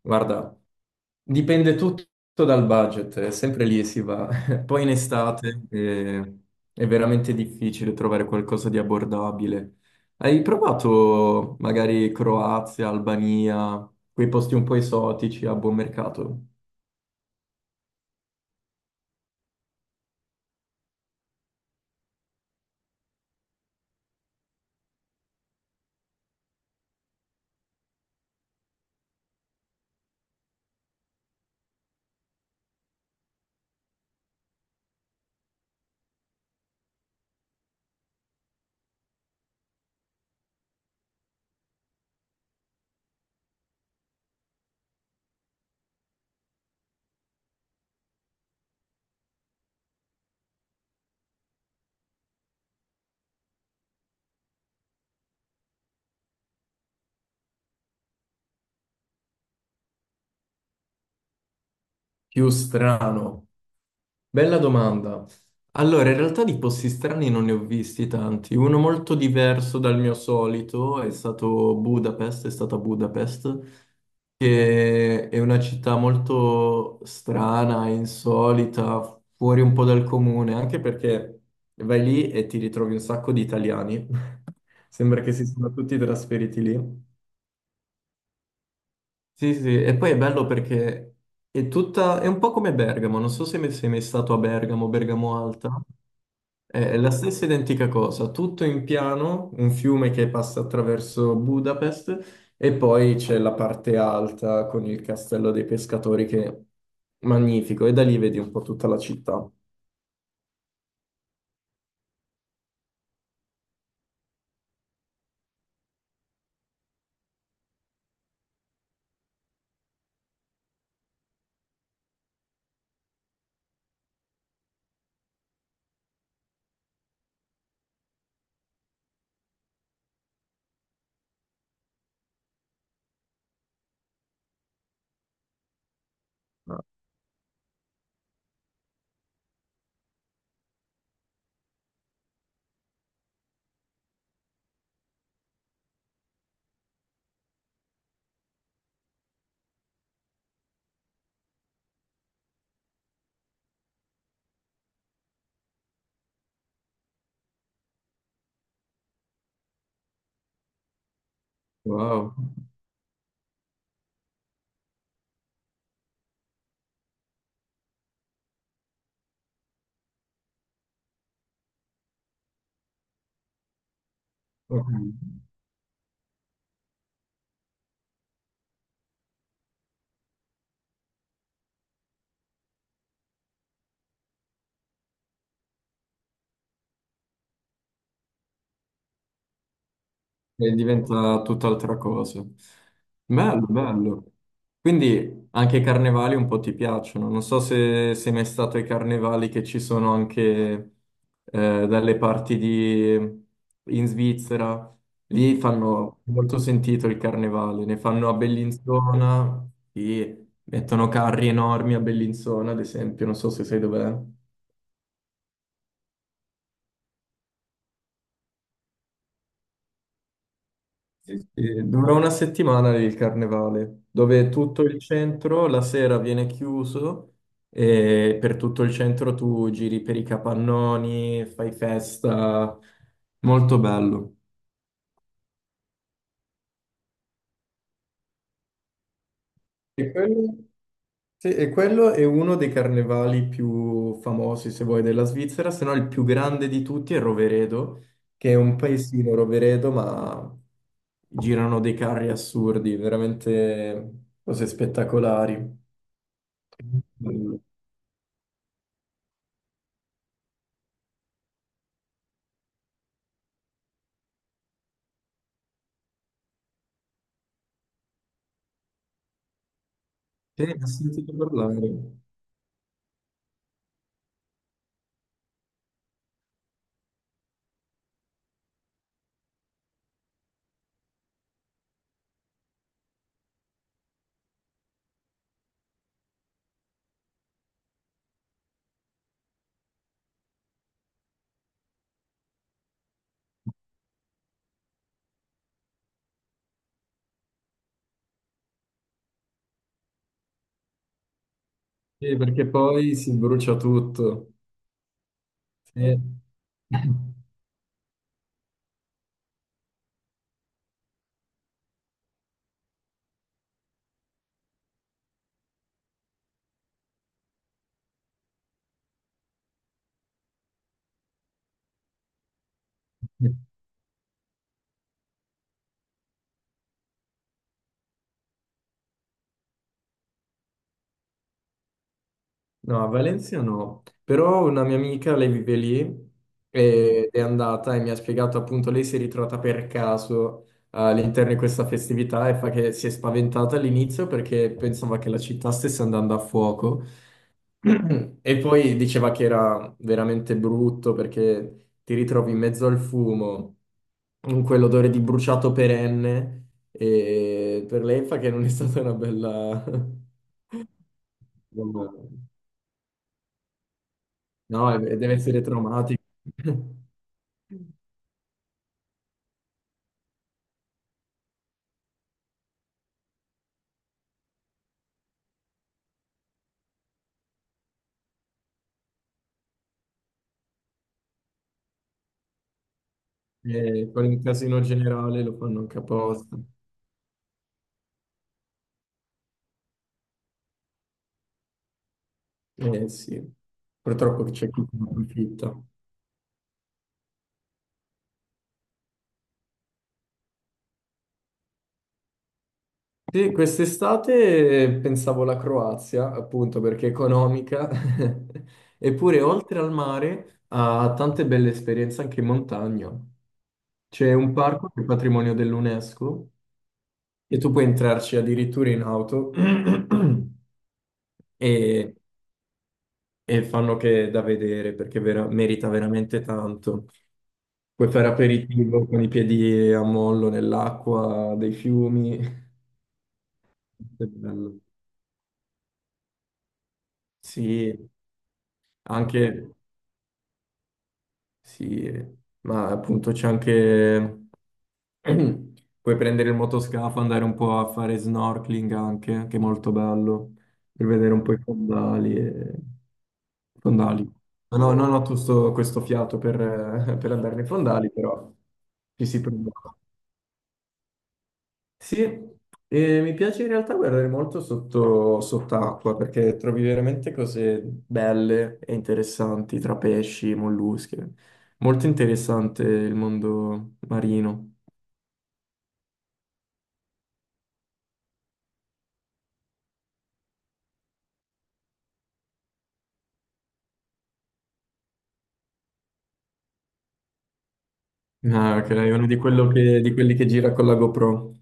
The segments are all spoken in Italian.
Guarda, dipende tutto dal budget, è sempre lì si va. Poi in estate è veramente difficile trovare qualcosa di abbordabile. Hai provato magari Croazia, Albania, quei posti un po' esotici a buon mercato? Più strano. Bella domanda. Allora, in realtà di posti strani non ne ho visti tanti. Uno molto diverso dal mio solito è stata Budapest, che è una città molto strana, insolita, fuori un po' dal comune, anche perché vai lì e ti ritrovi un sacco di italiani. Sembra che si siano tutti trasferiti lì. Sì, sì, e poi è bello perché è tutta, è un po' come Bergamo, non so se sei mai stato a Bergamo, Bergamo Alta. È la stessa identica cosa, tutto in piano, un fiume che passa attraverso Budapest e poi c'è la parte alta con il castello dei pescatori che è magnifico e da lì vedi un po' tutta la città. Wow. Ok. E diventa tutt'altra cosa. Bello, bello. Quindi anche i carnevali un po' ti piacciono. Non so se sei mai stato ai carnevali che ci sono anche dalle parti di, in Svizzera. Lì fanno molto sentito il carnevale. Ne fanno a Bellinzona, lì mettono carri enormi a Bellinzona, ad esempio. Non so se sai dov'è. Sì, sì, dura una settimana il carnevale, dove tutto il centro la sera viene chiuso e per tutto il centro tu giri per i capannoni, fai festa, molto bello. E quello, sì, e quello è uno dei carnevali più famosi, se vuoi, della Svizzera, se no il più grande di tutti è Roveredo, che è un paesino Roveredo, ma girano dei carri assurdi, veramente cose spettacolari. Mm. Sì, ne ho sentito parlare. Sì, perché poi si brucia tutto. Sì. No, a Valencia no, però una mia amica, lei vive lì. Mm. Ed è andata e mi ha spiegato appunto, lei si è ritrovata per caso all'interno di questa festività e fa che si è spaventata all'inizio perché pensava che la città stesse andando a fuoco. E poi diceva che era veramente brutto perché ti ritrovi in mezzo al fumo, in quell'odore di bruciato perenne e per lei fa che non è stata una bella. No, e deve essere traumatico. E poi in casino generale lo fanno anche apposta. Eh sì, purtroppo c'è chi ne approfitta. Sì, quest'estate pensavo alla Croazia, appunto perché è economica, eppure oltre al mare ha tante belle esperienze anche in montagna. C'è un parco che è patrimonio dell'UNESCO e tu puoi entrarci addirittura in auto. e e fanno che da vedere perché merita veramente tanto. Puoi fare aperitivo con i piedi a mollo nell'acqua dei fiumi. È bello. Sì, anche sì, ma appunto c'è anche, puoi prendere il motoscafo, andare un po' a fare snorkeling anche, che è molto bello, per vedere un po' i fondali e fondali. No, no, non ho tutto questo fiato per, per andare nei fondali, però ci si prova. Sì, e mi piace in realtà guardare molto sotto, sott'acqua perché trovi veramente cose belle e interessanti tra pesci, molluschi. Molto interessante il mondo marino. Ah, ok, è uno di, di quelli che gira con la GoPro.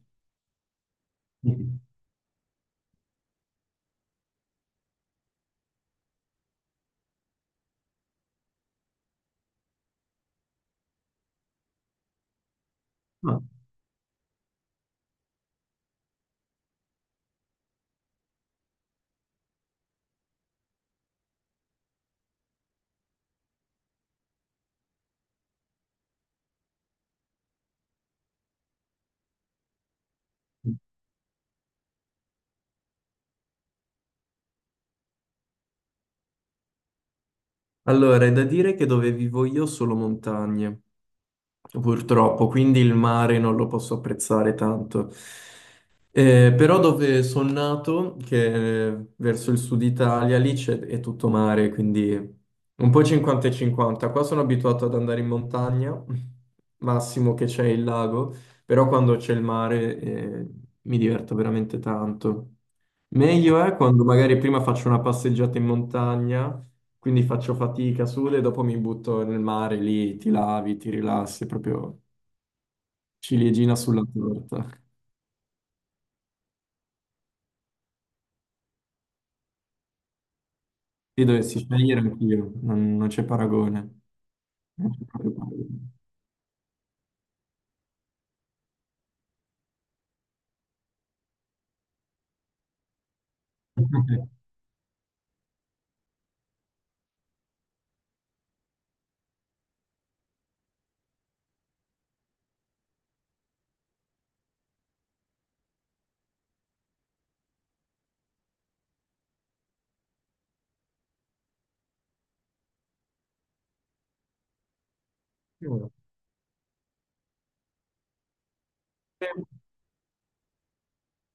Ah. Allora, è da dire che dove vivo io solo montagne. Purtroppo, quindi il mare non lo posso apprezzare tanto. Però dove sono nato, che è verso il sud Italia, lì c'è, è tutto mare, quindi un po' 50 e 50. Qua sono abituato ad andare in montagna, massimo che c'è il lago, però quando c'è il mare, mi diverto veramente tanto. Meglio è quando magari prima faccio una passeggiata in montagna, quindi faccio fatica, sudo e dopo mi butto nel mare lì, ti lavi, ti rilassi, proprio ciliegina sulla torta. Lì dovessi scegliere anch'io, non, non c'è paragone. Non c'è proprio paragone.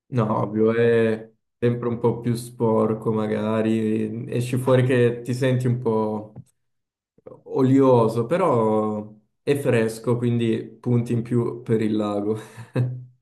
No, ovvio, è sempre un po' più sporco magari, esci fuori che ti senti un po' olioso, però è fresco, quindi punti in più per il lago.